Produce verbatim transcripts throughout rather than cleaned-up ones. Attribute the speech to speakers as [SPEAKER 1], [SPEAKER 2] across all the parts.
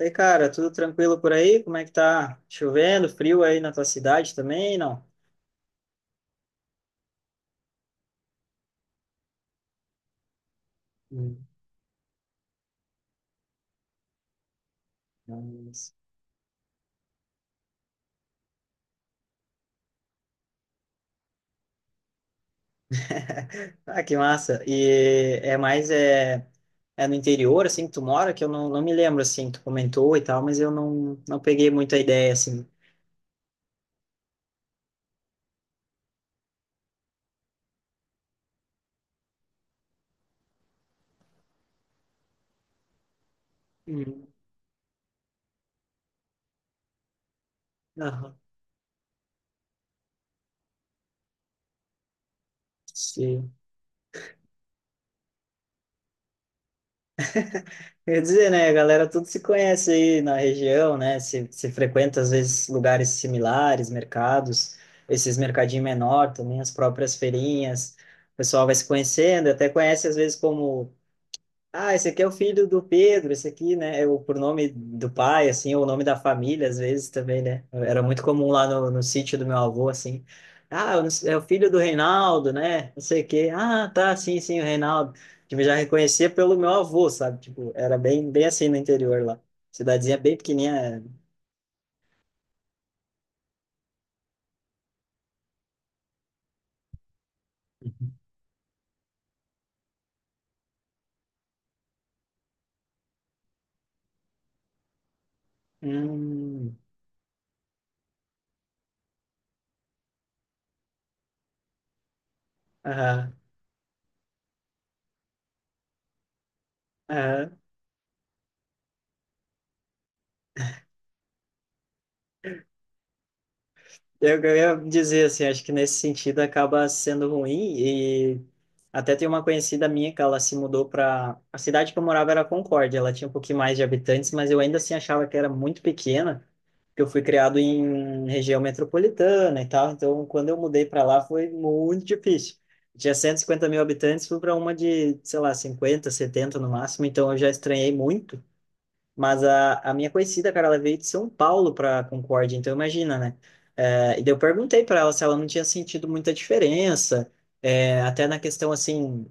[SPEAKER 1] E aí, cara, tudo tranquilo por aí? Como é que tá? Chovendo, frio aí na tua cidade também, não? Hum. mas- Ah, que massa. E é mais é, é no interior, assim, que tu mora, que eu não, não me lembro, assim, tu comentou e tal, mas eu não, não peguei muita ideia, assim. Uhum. Aham. Sim. Eu ia dizer, né, a galera tudo se conhece aí na região, né? Se, se frequenta às vezes lugares similares, mercados, esses mercadinhos menor também, as próprias feirinhas. O pessoal vai se conhecendo, até conhece às vezes como ah, esse aqui é o filho do Pedro, esse aqui, né? É o pronome do pai, assim, ou o nome da família, às vezes também, né? Era muito comum lá no, no sítio do meu avô, assim. Ah, eu não sei, é o filho do Reinaldo, né? Não sei o quê. Ah, tá, sim, sim, o Reinaldo. Tipo, eu já reconhecia pelo meu avô, sabe? Tipo, era bem, bem assim no interior lá. Cidadezinha bem pequenininha. Hum, aham, aham. Eu, eu ia dizer assim, acho que nesse sentido acaba sendo ruim e até tem uma conhecida minha que ela se mudou para a cidade que eu morava era Concórdia, ela tinha um pouquinho mais de habitantes, mas eu ainda assim achava que era muito pequena, porque eu fui criado em região metropolitana e tal, então quando eu mudei para lá foi muito difícil. Tinha cento e cinquenta mil habitantes, fui para uma de, sei lá, cinquenta, setenta no máximo, então eu já estranhei muito. Mas a, a minha conhecida, cara, ela veio de São Paulo para Concórdia, então imagina, né? É, e daí eu perguntei para ela se ela não tinha sentido muita diferença, é, até na questão, assim,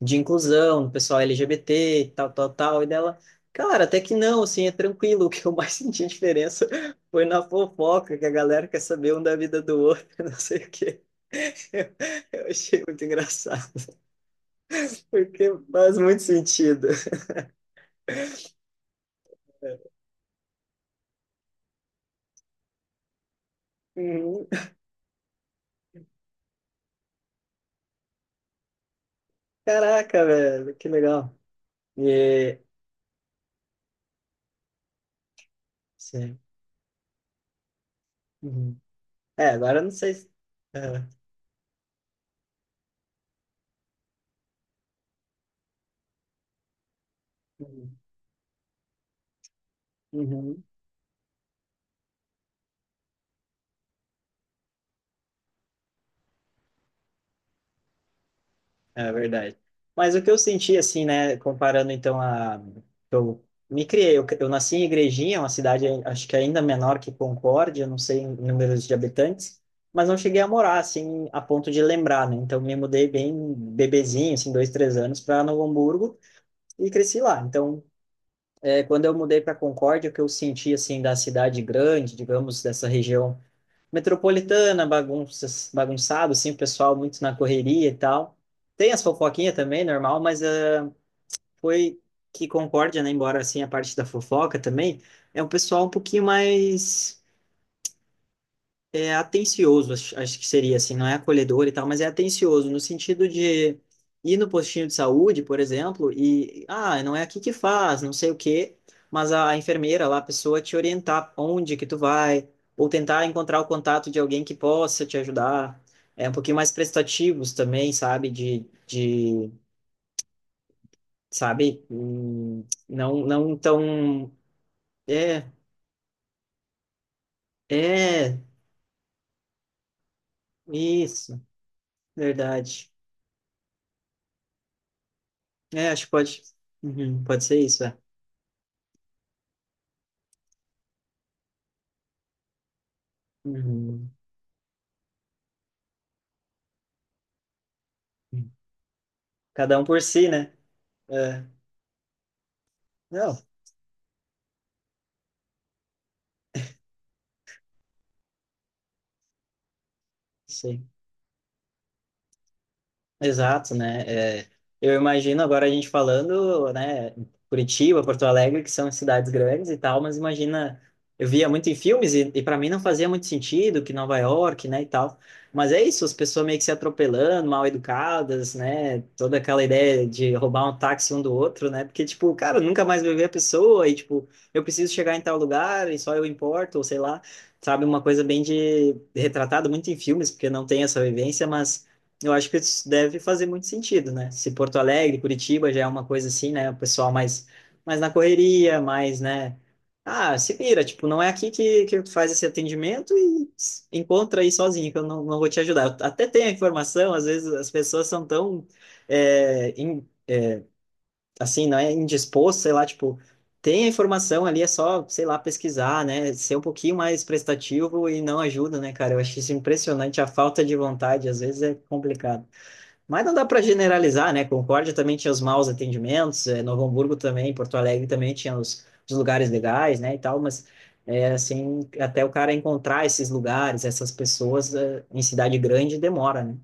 [SPEAKER 1] de inclusão, do pessoal L G B T e tal, tal, tal. E dela, cara, até que não, assim, é tranquilo. O que eu mais senti diferença foi na fofoca, que a galera quer saber um da vida do outro, não sei o quê. Eu, eu achei muito engraçado, porque faz muito sentido. É. Uhum. Caraca, velho, que legal. e Sim. Uhum. É, agora eu não sei se... É. Uhum. Uhum. É verdade. Mas o que eu senti, assim, né, comparando então a... Eu me criei, eu, eu nasci em Igrejinha, uma cidade acho que ainda menor que Concórdia, não sei em números de habitantes, mas não cheguei a morar, assim, a ponto de lembrar, né? Então me mudei bem bebezinho, assim, dois, três anos, para Novo Hamburgo e cresci lá. Então, é, quando eu mudei para Concórdia, o que eu senti, assim, da cidade grande, digamos, dessa região metropolitana, bagunças, bagunçado, assim, o pessoal muito na correria e tal. Tem as fofoquinhas também, normal, mas ah, foi que Concórdia, né, embora assim a parte da fofoca também, é um pessoal um pouquinho mais é atencioso, acho, acho que seria assim, não é acolhedor e tal, mas é atencioso no sentido de ir no postinho de saúde, por exemplo, e ah, não é aqui que faz, não sei o quê, mas a enfermeira lá, a pessoa te orientar onde que tu vai, ou tentar encontrar o contato de alguém que possa te ajudar. É um pouquinho mais prestativos também, sabe? De, de sabe? Hum. Não, não tão. É, é, isso, verdade. É, acho que pode. Uhum, pode ser isso, é. Uhum. Cada um por si, né? É. Não, sei. Exato, né? É, eu imagino agora a gente falando, né, Curitiba, Porto Alegre, que são cidades grandes e tal, mas imagina, eu via muito em filmes e, e para mim não fazia muito sentido que Nova York, né, e tal. Mas é isso, as pessoas meio que se atropelando, mal educadas, né? Toda aquela ideia de roubar um táxi um do outro, né? Porque tipo, cara, eu nunca mais vou ver a pessoa e tipo, eu preciso chegar em tal lugar e só eu importo, ou sei lá, sabe, uma coisa bem de retratado muito em filmes, porque não tem essa vivência, mas eu acho que isso deve fazer muito sentido, né? Se Porto Alegre, Curitiba já é uma coisa assim, né? O pessoal mais, mais na correria, mais, né? Ah, se vira, tipo, não é aqui que, que tu faz esse atendimento e s- encontra aí sozinho, que eu não, não vou te ajudar. Eu até tenho a informação, às vezes as pessoas são tão, é, in- assim, não é indispostas, sei lá, tipo, tem a informação ali, é só, sei lá, pesquisar, né? Ser um pouquinho mais prestativo e não ajuda, né, cara? Eu acho isso impressionante, a falta de vontade, às vezes é complicado. Mas não dá para generalizar, né? Concórdia também tinha os maus atendimentos, eh, Novo Hamburgo também, Porto Alegre também tinha os, os lugares legais, né, e tal, mas é, assim, até o cara encontrar esses lugares, essas pessoas eh, em cidade grande demora, né?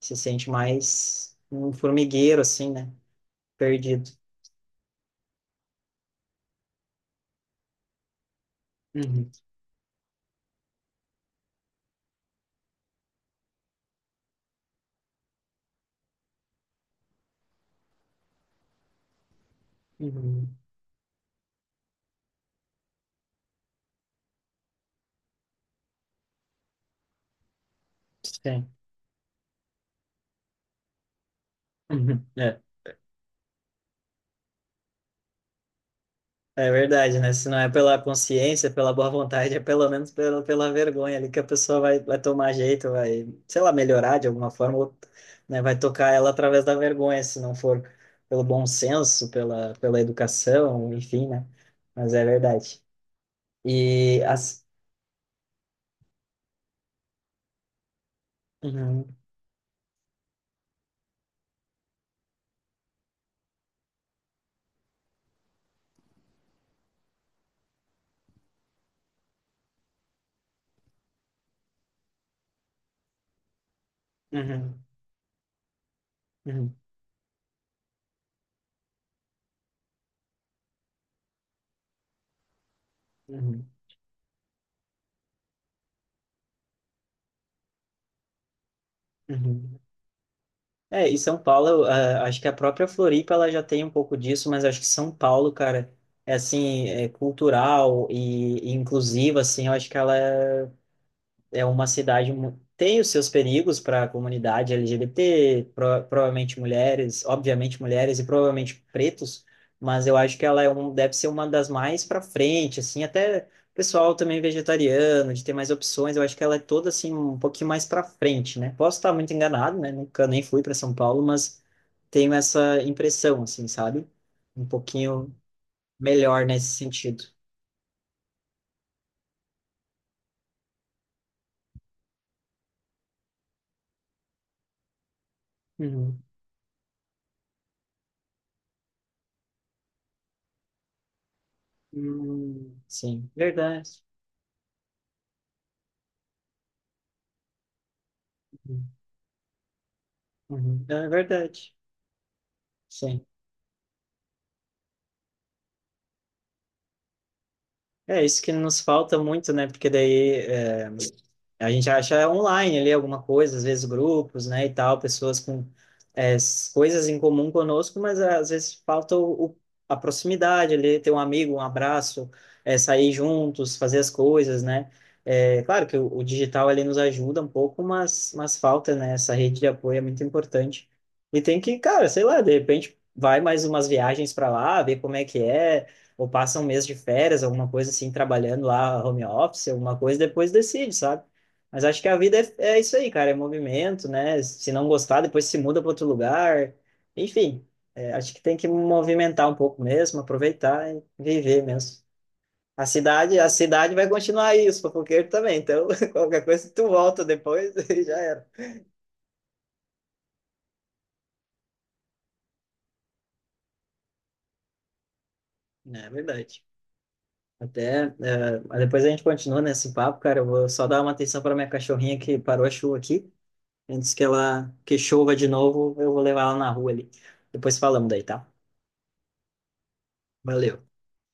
[SPEAKER 1] Se sente mais um formigueiro, assim, né? Perdido. Uhum, uhum, sim. Uhum, é. É verdade, né? Se não é pela consciência, pela boa vontade, é pelo menos pela, pela vergonha ali que a pessoa vai, vai tomar jeito, vai, sei lá, melhorar de alguma forma, ou, né? Vai tocar ela através da vergonha, se não for pelo bom senso, pela, pela educação, enfim, né? Mas é verdade. E as. Uhum, uhum, uhum, uhum, uhum, uhum. É, e São Paulo, ah, acho que a própria Floripa ela já tem um pouco disso, mas acho que São Paulo, cara, é assim, é cultural e, e inclusiva, assim, eu acho que ela é é uma cidade mu- tem os seus perigos para a comunidade L G B T, pro, provavelmente mulheres, obviamente mulheres e provavelmente pretos, mas eu acho que ela é um, deve ser uma das mais para frente, assim, até pessoal também vegetariano, de ter mais opções, eu acho que ela é toda assim um pouquinho mais para frente, né? Posso estar muito enganado, né? Nunca nem fui para São Paulo, mas tenho essa impressão, assim, sabe? Um pouquinho melhor nesse sentido. Uhum. Hum, sim, verdade. Uhum. É verdade. Sim. É isso que nos falta muito, né? Porque daí, a gente acha online ali alguma coisa, às vezes grupos, né, e tal, pessoas com é, s- coisas em comum conosco, mas é, às vezes falta o, o- a proximidade ali, ter um amigo, um abraço, é, sair juntos, fazer as coisas, né? É, claro que o, o digital ali nos ajuda um pouco, mas, mas falta, né, essa rede de apoio é muito importante. E tem que, cara, sei lá, de repente vai mais umas viagens para lá, ver como é que é, ou passa um mês de férias, alguma coisa assim, trabalhando lá, home office, alguma coisa, depois decide, sabe? Mas acho que a vida é, é isso aí, cara, é movimento, né? Se não gostar, depois se muda para outro lugar. Enfim, é, acho que tem que movimentar um pouco mesmo, aproveitar e viver mesmo. A cidade, a cidade vai continuar aí, os fofoqueiros também. Então, qualquer coisa, tu volta depois e já era. É verdade. Até, é, mas depois a gente continua nesse papo, cara. Eu vou só dar uma atenção para minha cachorrinha que parou a chuva aqui. Antes que ela que chova de novo, eu vou levar ela na rua ali. Depois falamos daí, tá? Valeu.